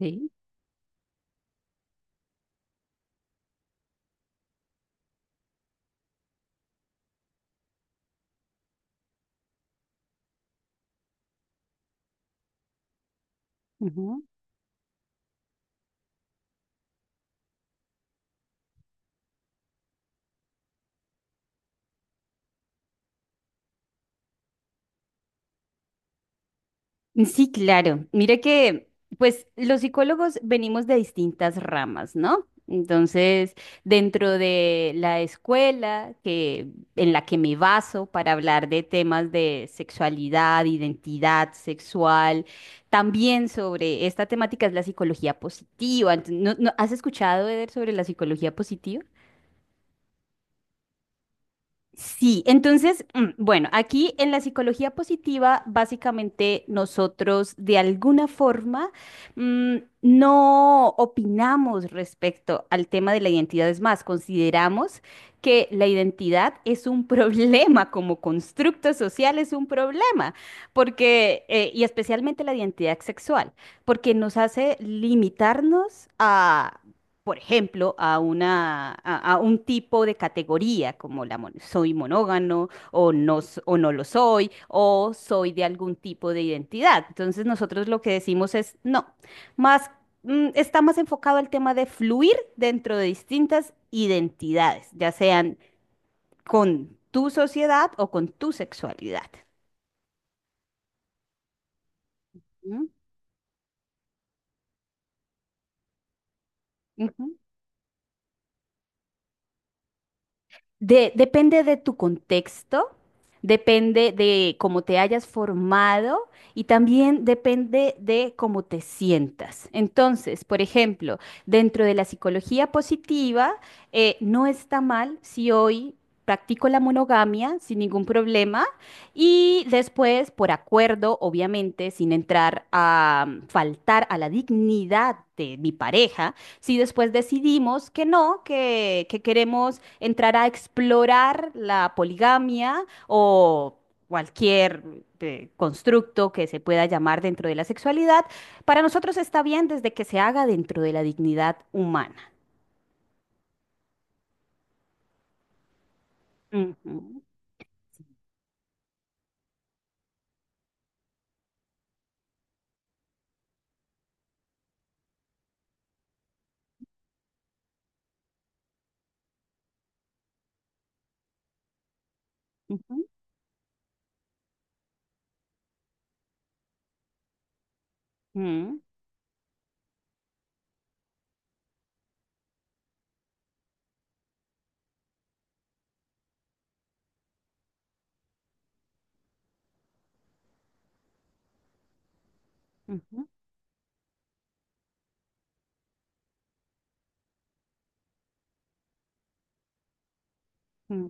Sí, ujú. Sí, claro. Mira que, pues, los psicólogos venimos de distintas ramas, ¿no? Entonces, dentro de la escuela que, en la que me baso para hablar de temas de sexualidad, identidad sexual, también sobre esta temática es la psicología positiva. ¿ has escuchado, Eder, sobre la psicología positiva? Sí, entonces, bueno, aquí en la psicología positiva, básicamente nosotros de alguna forma mm, no opinamos respecto al tema de la identidad. Es más, consideramos que la identidad es un problema como constructo social, es un problema, porque, y especialmente la identidad sexual, porque nos hace limitarnos, por ejemplo, a a un tipo de categoría como la soy monógamo o no, o no lo soy, o soy de algún tipo de identidad. Entonces nosotros lo que decimos es no, más está más enfocado al tema de fluir dentro de distintas identidades, ya sean con tu sociedad o con tu sexualidad. ¿Mm? Ujú. Depende de tu contexto, depende de cómo te hayas formado, y también depende de cómo te sientas. Entonces, por ejemplo, dentro de la psicología positiva, no está mal si hoy practico la monogamia sin ningún problema, y después, por acuerdo, obviamente, sin entrar a faltar a la dignidad de mi pareja, si después decidimos que no, que queremos entrar a explorar la poligamia o cualquier constructo que se pueda llamar dentro de la sexualidad, para nosotros está bien desde que se haga dentro de la dignidad humana. Ujú, ujú, mm, ujú, mm,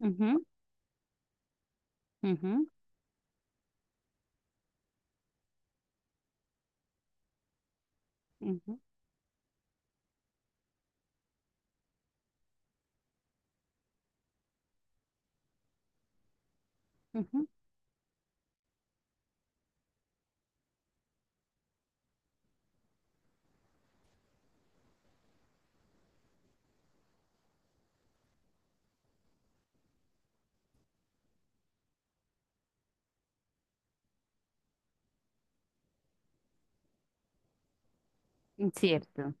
ujú, ujú, ujú, ujú. Cierto.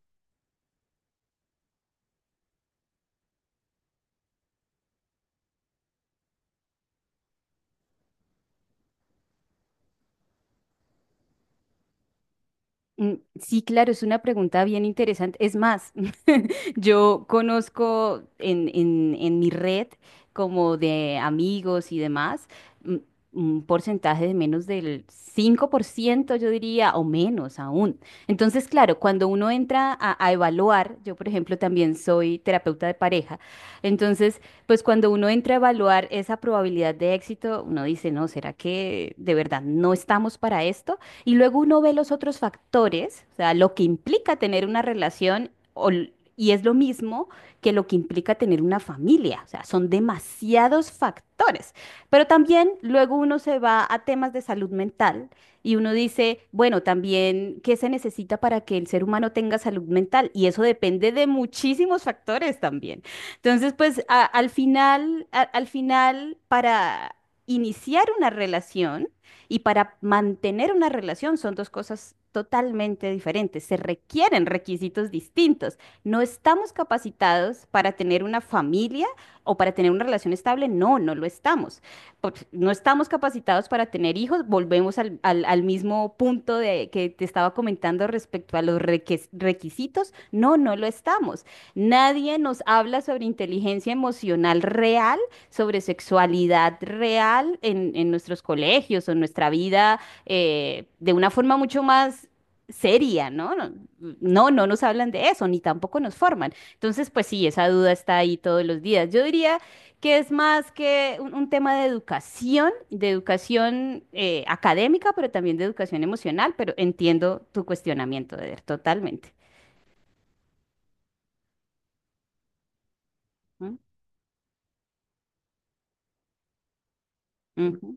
Mm, Sí, claro, es una pregunta bien interesante. Es más, yo conozco en mi red como de amigos y demás, mm, un porcentaje de menos del 5%, yo diría, o menos aún. Entonces, claro, cuando uno entra a evaluar, yo por ejemplo también soy terapeuta de pareja, entonces, pues cuando uno entra a evaluar esa probabilidad de éxito, uno dice, no, ¿será que de verdad no estamos para esto? Y luego uno ve los otros factores, o sea, lo que implica tener una relación y es lo mismo que lo que implica tener una familia, o sea, son demasiados factores. Pero también luego uno se va a temas de salud mental y uno dice, bueno, también, ¿qué se necesita para que el ser humano tenga salud mental? Y eso depende de muchísimos factores también. Entonces, pues al final, al final, para iniciar una relación, y para mantener una relación son dos cosas totalmente diferentes. Se requieren requisitos distintos. No estamos capacitados para tener una familia o para tener una relación estable. No, no lo estamos. Pues, no estamos capacitados para tener hijos. Volvemos al mismo punto de, que te estaba comentando respecto a los requisitos. No, no lo estamos. Nadie nos habla sobre inteligencia emocional real, sobre sexualidad real en nuestros colegios o en nuestra vida, de una forma mucho más seria, ¿no? No, no nos hablan de eso, ni tampoco nos forman. Entonces, pues sí, esa duda está ahí todos los días. Yo diría que es más que un tema de educación académica, pero también de educación emocional, pero entiendo tu cuestionamiento, Eder, totalmente. Ujú,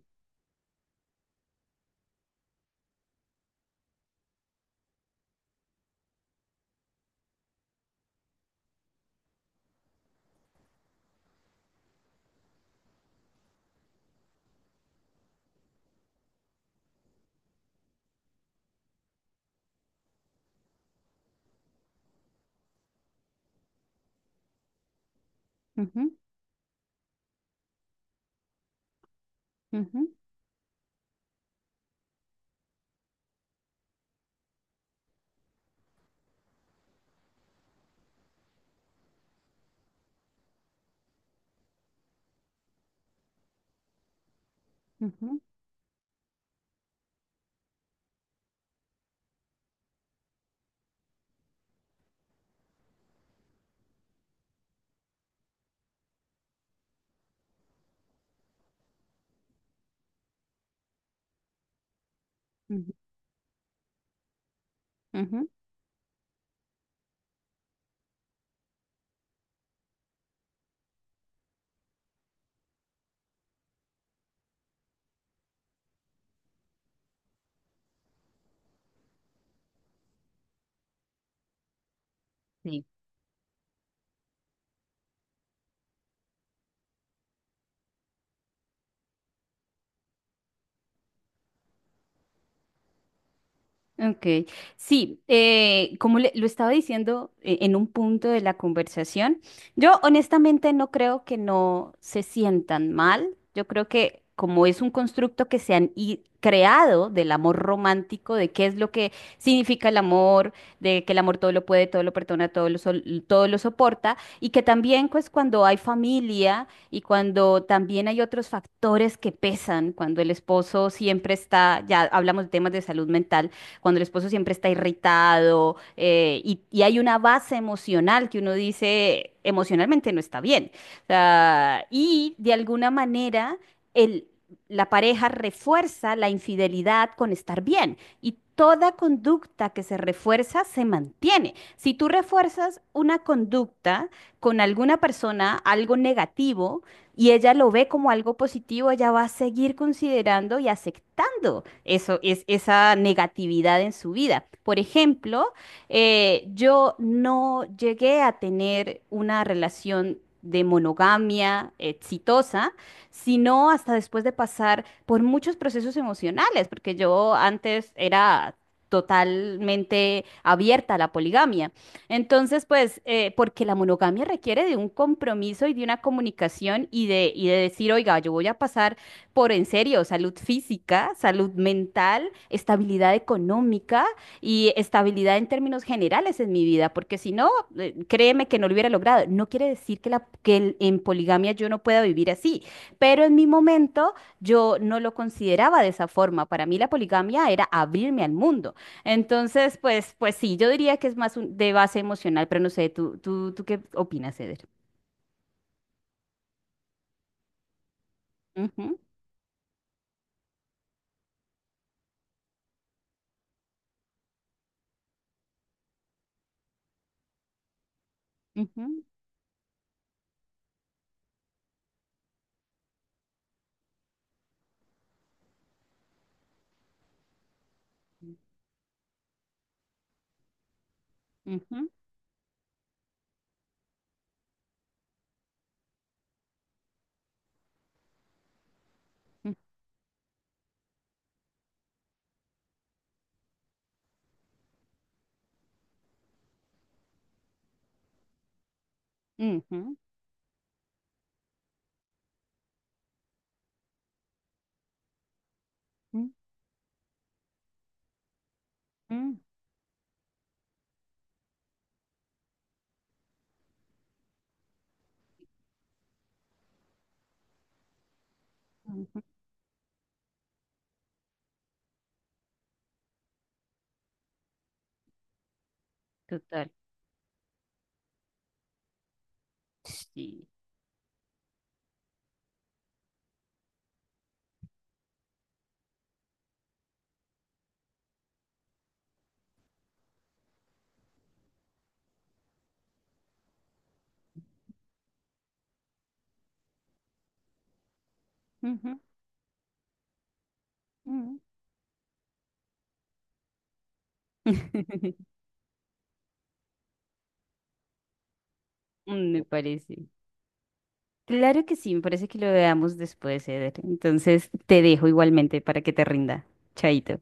ujú, ujú, ujú, ujú, ujú, ujú. Sí. Ok, sí, como lo estaba diciendo, en un punto de la conversación, yo honestamente no creo que no se sientan mal, yo creo que como es un constructo que se han creado del amor romántico, de qué es lo que significa el amor, de que el amor todo lo puede, todo lo perdona, todo lo, todo lo soporta, y que también pues cuando hay familia y cuando también hay otros factores que pesan, cuando el esposo siempre está, ya hablamos de temas de salud mental, cuando el esposo siempre está irritado, y hay una base emocional que uno dice emocionalmente no está bien. O sea, y de alguna manera el, la pareja refuerza la infidelidad con estar bien, y toda conducta que se refuerza se mantiene. Si tú refuerzas una conducta con alguna persona, algo negativo, y ella lo ve como algo positivo, ella va a seguir considerando y aceptando eso, es, esa negatividad en su vida. Por ejemplo, yo no llegué a tener una relación de monogamia exitosa, sino hasta después de pasar por muchos procesos emocionales, porque yo antes era totalmente abierta a la poligamia. Entonces, pues, porque la monogamia requiere de un compromiso y de una comunicación y de decir, oiga, yo voy a pasar por, en serio, salud física, salud mental, estabilidad económica y estabilidad en términos generales en mi vida, porque si no, créeme que no lo hubiera logrado. No quiere decir que, la, en poligamia yo no pueda vivir así, pero en mi momento yo no lo consideraba de esa forma. Para mí la poligamia era abrirme al mundo. Entonces, pues, pues sí, yo diría que es más de base emocional, pero no sé, tú qué opinas, Eder? Ujú, ujú, ujú, ujú, ujú, ujú. Ujú, total. Sí. Ujú, ujú. Me parece. Claro que sí, me parece que lo veamos después, Eder. Entonces te dejo igualmente para que te rinda. Chaito.